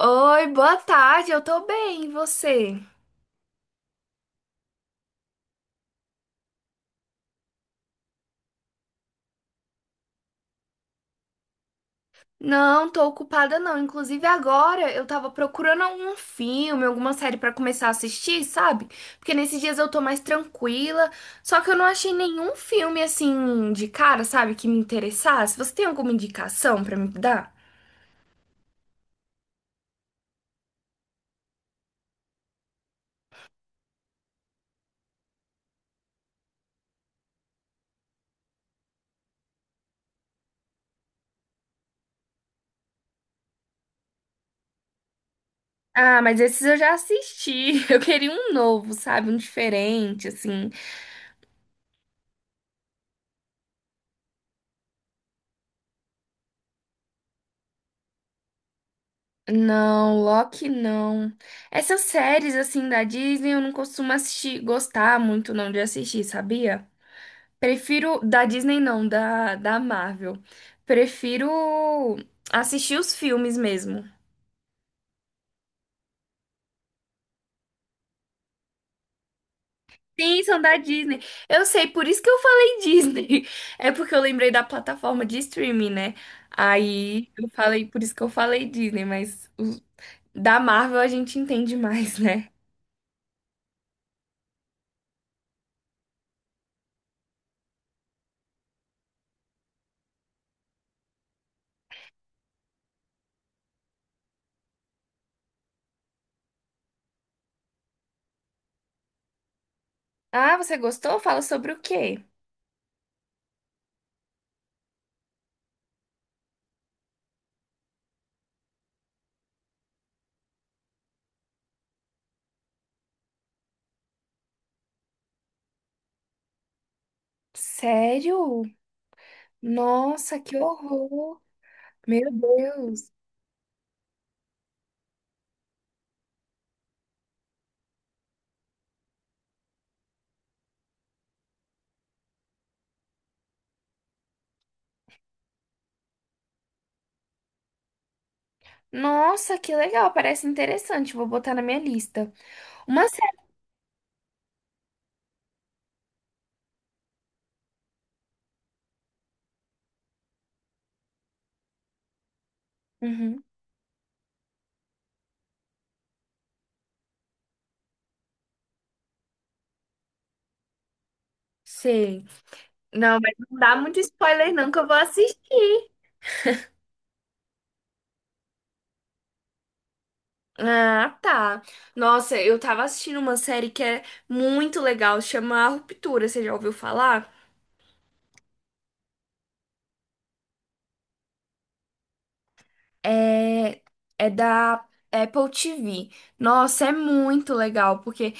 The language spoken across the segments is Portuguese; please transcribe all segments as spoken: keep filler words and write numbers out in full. Oi, boa tarde, eu tô bem, e você? Não, tô ocupada não. Inclusive agora eu tava procurando algum filme, alguma série pra começar a assistir, sabe? Porque nesses dias eu tô mais tranquila, só que eu não achei nenhum filme assim de cara, sabe, que me interessasse. Você tem alguma indicação pra me dar? Ah, mas esses eu já assisti. Eu queria um novo, sabe? Um diferente, assim. Não, Loki não. Essas séries assim da Disney eu não costumo assistir, gostar muito não de assistir, sabia? Prefiro da Disney não, da da Marvel. Prefiro assistir os filmes mesmo. Sim, são da Disney. Eu sei, por isso que eu falei Disney. É porque eu lembrei da plataforma de streaming, né? Aí eu falei, por isso que eu falei Disney, mas os- Da Marvel a gente entende mais, né? Ah, você gostou? Fala sobre o quê? Sério? Nossa, que horror! Meu Deus! Nossa, que legal! Parece interessante. Vou botar na minha lista. Uma série. Uhum. Sei. Não, mas não dá muito spoiler não que eu vou assistir. Ah, tá. Nossa, eu tava assistindo uma série que é muito legal, chama A Ruptura, você já ouviu falar? É, é da Apple T V. Nossa, é muito legal, porque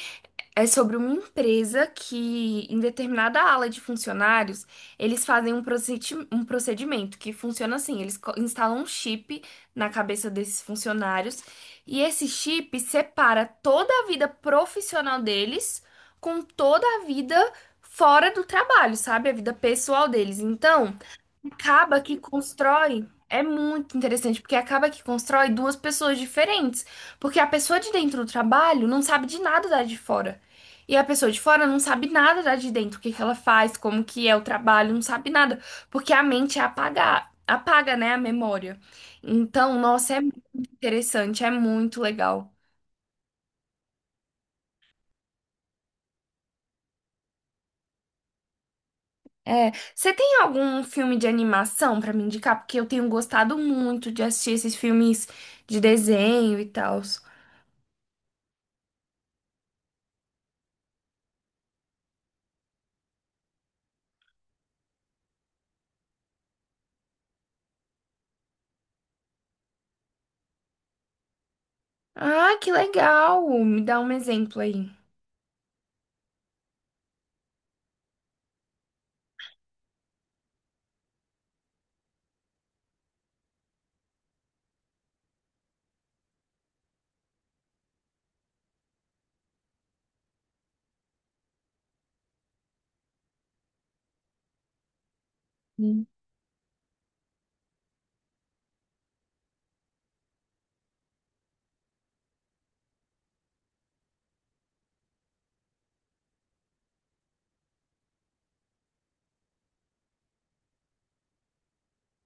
é sobre uma empresa que, em determinada ala de funcionários, eles fazem um procedi- um procedimento que funciona assim: eles co- instalam um chip na cabeça desses funcionários e esse chip separa toda a vida profissional deles com toda a vida fora do trabalho, sabe? A vida pessoal deles. Então acaba que constrói. É muito interessante, porque acaba que constrói duas pessoas diferentes. Porque a pessoa de dentro do trabalho não sabe de nada da de fora. E a pessoa de fora não sabe nada da de dentro, o que que ela faz, como que é o trabalho, não sabe nada. Porque a mente é apaga, apaga, né, a memória. Então, nossa, é muito interessante, é muito legal. É, você tem algum filme de animação pra me indicar? Porque eu tenho gostado muito de assistir esses filmes de desenho e tal. Ah, que legal! Me dá um exemplo aí. Hum.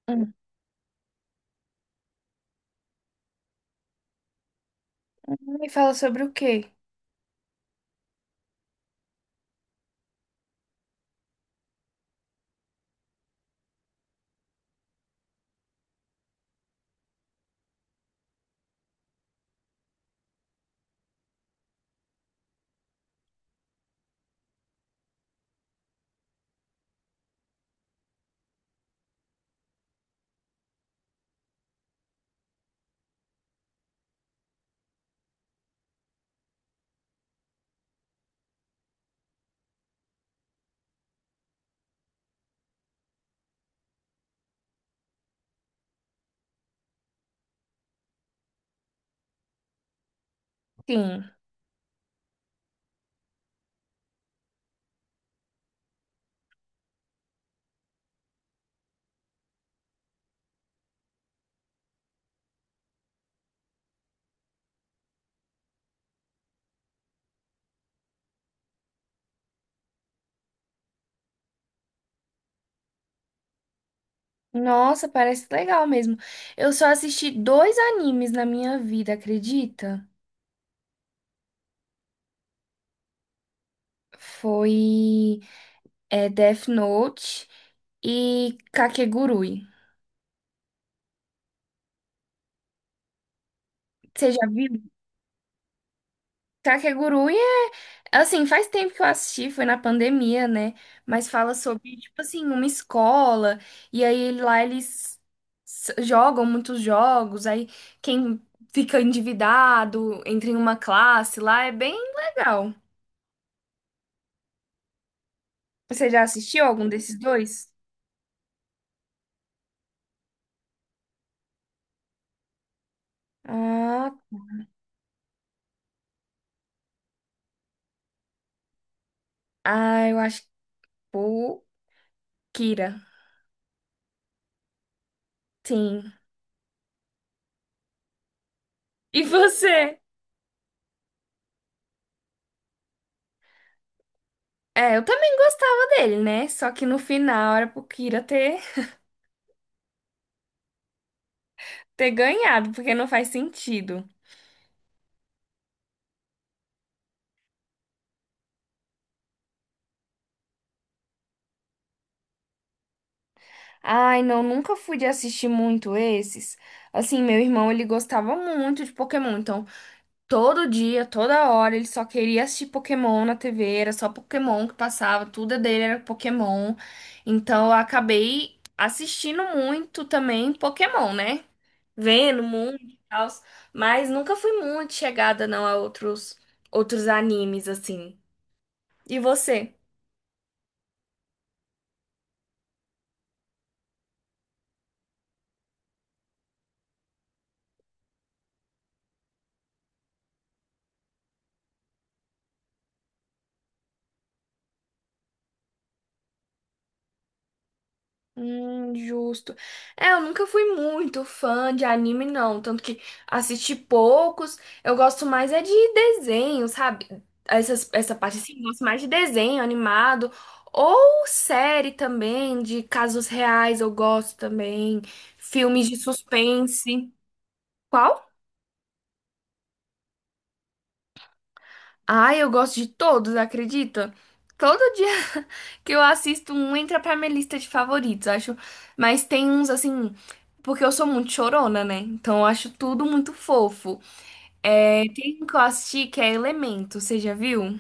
Hum, Me fala sobre o quê? Sim. Nossa, parece legal mesmo. Eu só assisti dois animes na minha vida, acredita? Foi é, Death Note e Kakegurui. Você já viu? Kakegurui. Assim, faz tempo que eu assisti, foi na pandemia, né? Mas fala sobre, tipo assim, uma escola, e aí lá eles s- jogam muitos jogos, aí quem fica endividado entra em uma classe lá, é bem legal. Você já assistiu algum desses dois? Ah, ah, eu acho que o Kira. Sim. E você? É, eu também gostava dele, né? Só que no final era pro Kira ter, ter ganhado, porque não faz sentido. Ai, não, nunca fui de assistir muito esses. Assim, meu irmão, ele gostava muito de Pokémon, então todo dia, toda hora, ele só queria assistir Pokémon na T V, era só Pokémon que passava, tudo é dele era Pokémon. Então eu acabei assistindo muito também Pokémon, né? Vendo muito e tal, mas nunca fui muito chegada não a outros outros animes assim. E você? Hum, justo. É, eu nunca fui muito fã de anime, não. Tanto que assisti poucos. Eu gosto mais é de desenho, sabe? Essas, essa parte assim, eu gosto mais de desenho animado. Ou série também, de casos reais, eu gosto também. Filmes de suspense. Qual? Ai, eu gosto de todos, acredita? Todo dia que eu assisto um entra pra minha lista de favoritos, acho. Mas tem uns assim, porque eu sou muito chorona, né? Então eu acho tudo muito fofo. É, tem um que eu assisti que é Elemento, você já viu?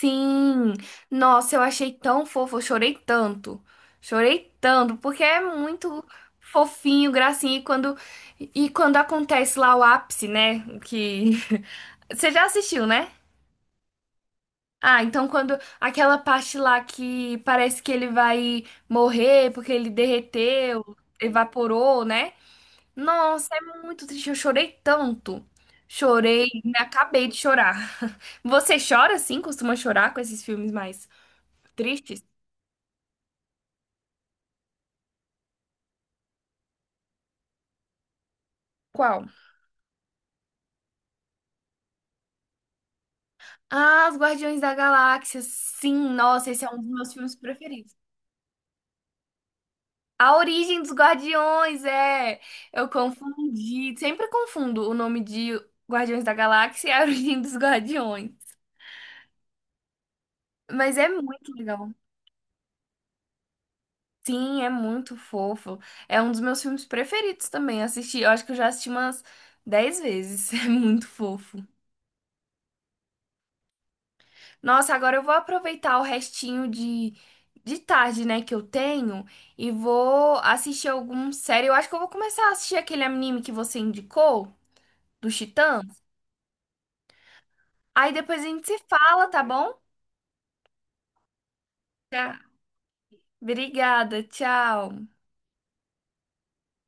Sim! Nossa, eu achei tão fofo, eu chorei tanto. Chorei tanto, porque é muito fofinho, gracinha. E quando, e quando acontece lá o ápice, né? Que. Você já assistiu, né? Ah, então quando aquela parte lá que parece que ele vai morrer porque ele derreteu, evaporou, né? Nossa, é muito triste. Eu chorei tanto. Chorei, me acabei de chorar. Você chora assim? Costuma chorar com esses filmes mais tristes? Qual? Ah, Os Guardiões da Galáxia. Sim, nossa, esse é um dos meus filmes preferidos. A Origem dos Guardiões, é. Eu confundi. Sempre confundo o nome de Guardiões da Galáxia e a Origem dos Guardiões. Mas é muito legal. Sim, é muito fofo. É um dos meus filmes preferidos também. Assisti, eu acho que eu já assisti umas dez vezes. É muito fofo. Nossa, agora eu vou aproveitar o restinho de, de tarde, né, que eu tenho e vou assistir algum série. Eu acho que eu vou começar a assistir aquele anime que você indicou, do Titãs. Aí depois a gente se fala, tá bom? Tá. Obrigada, tchau.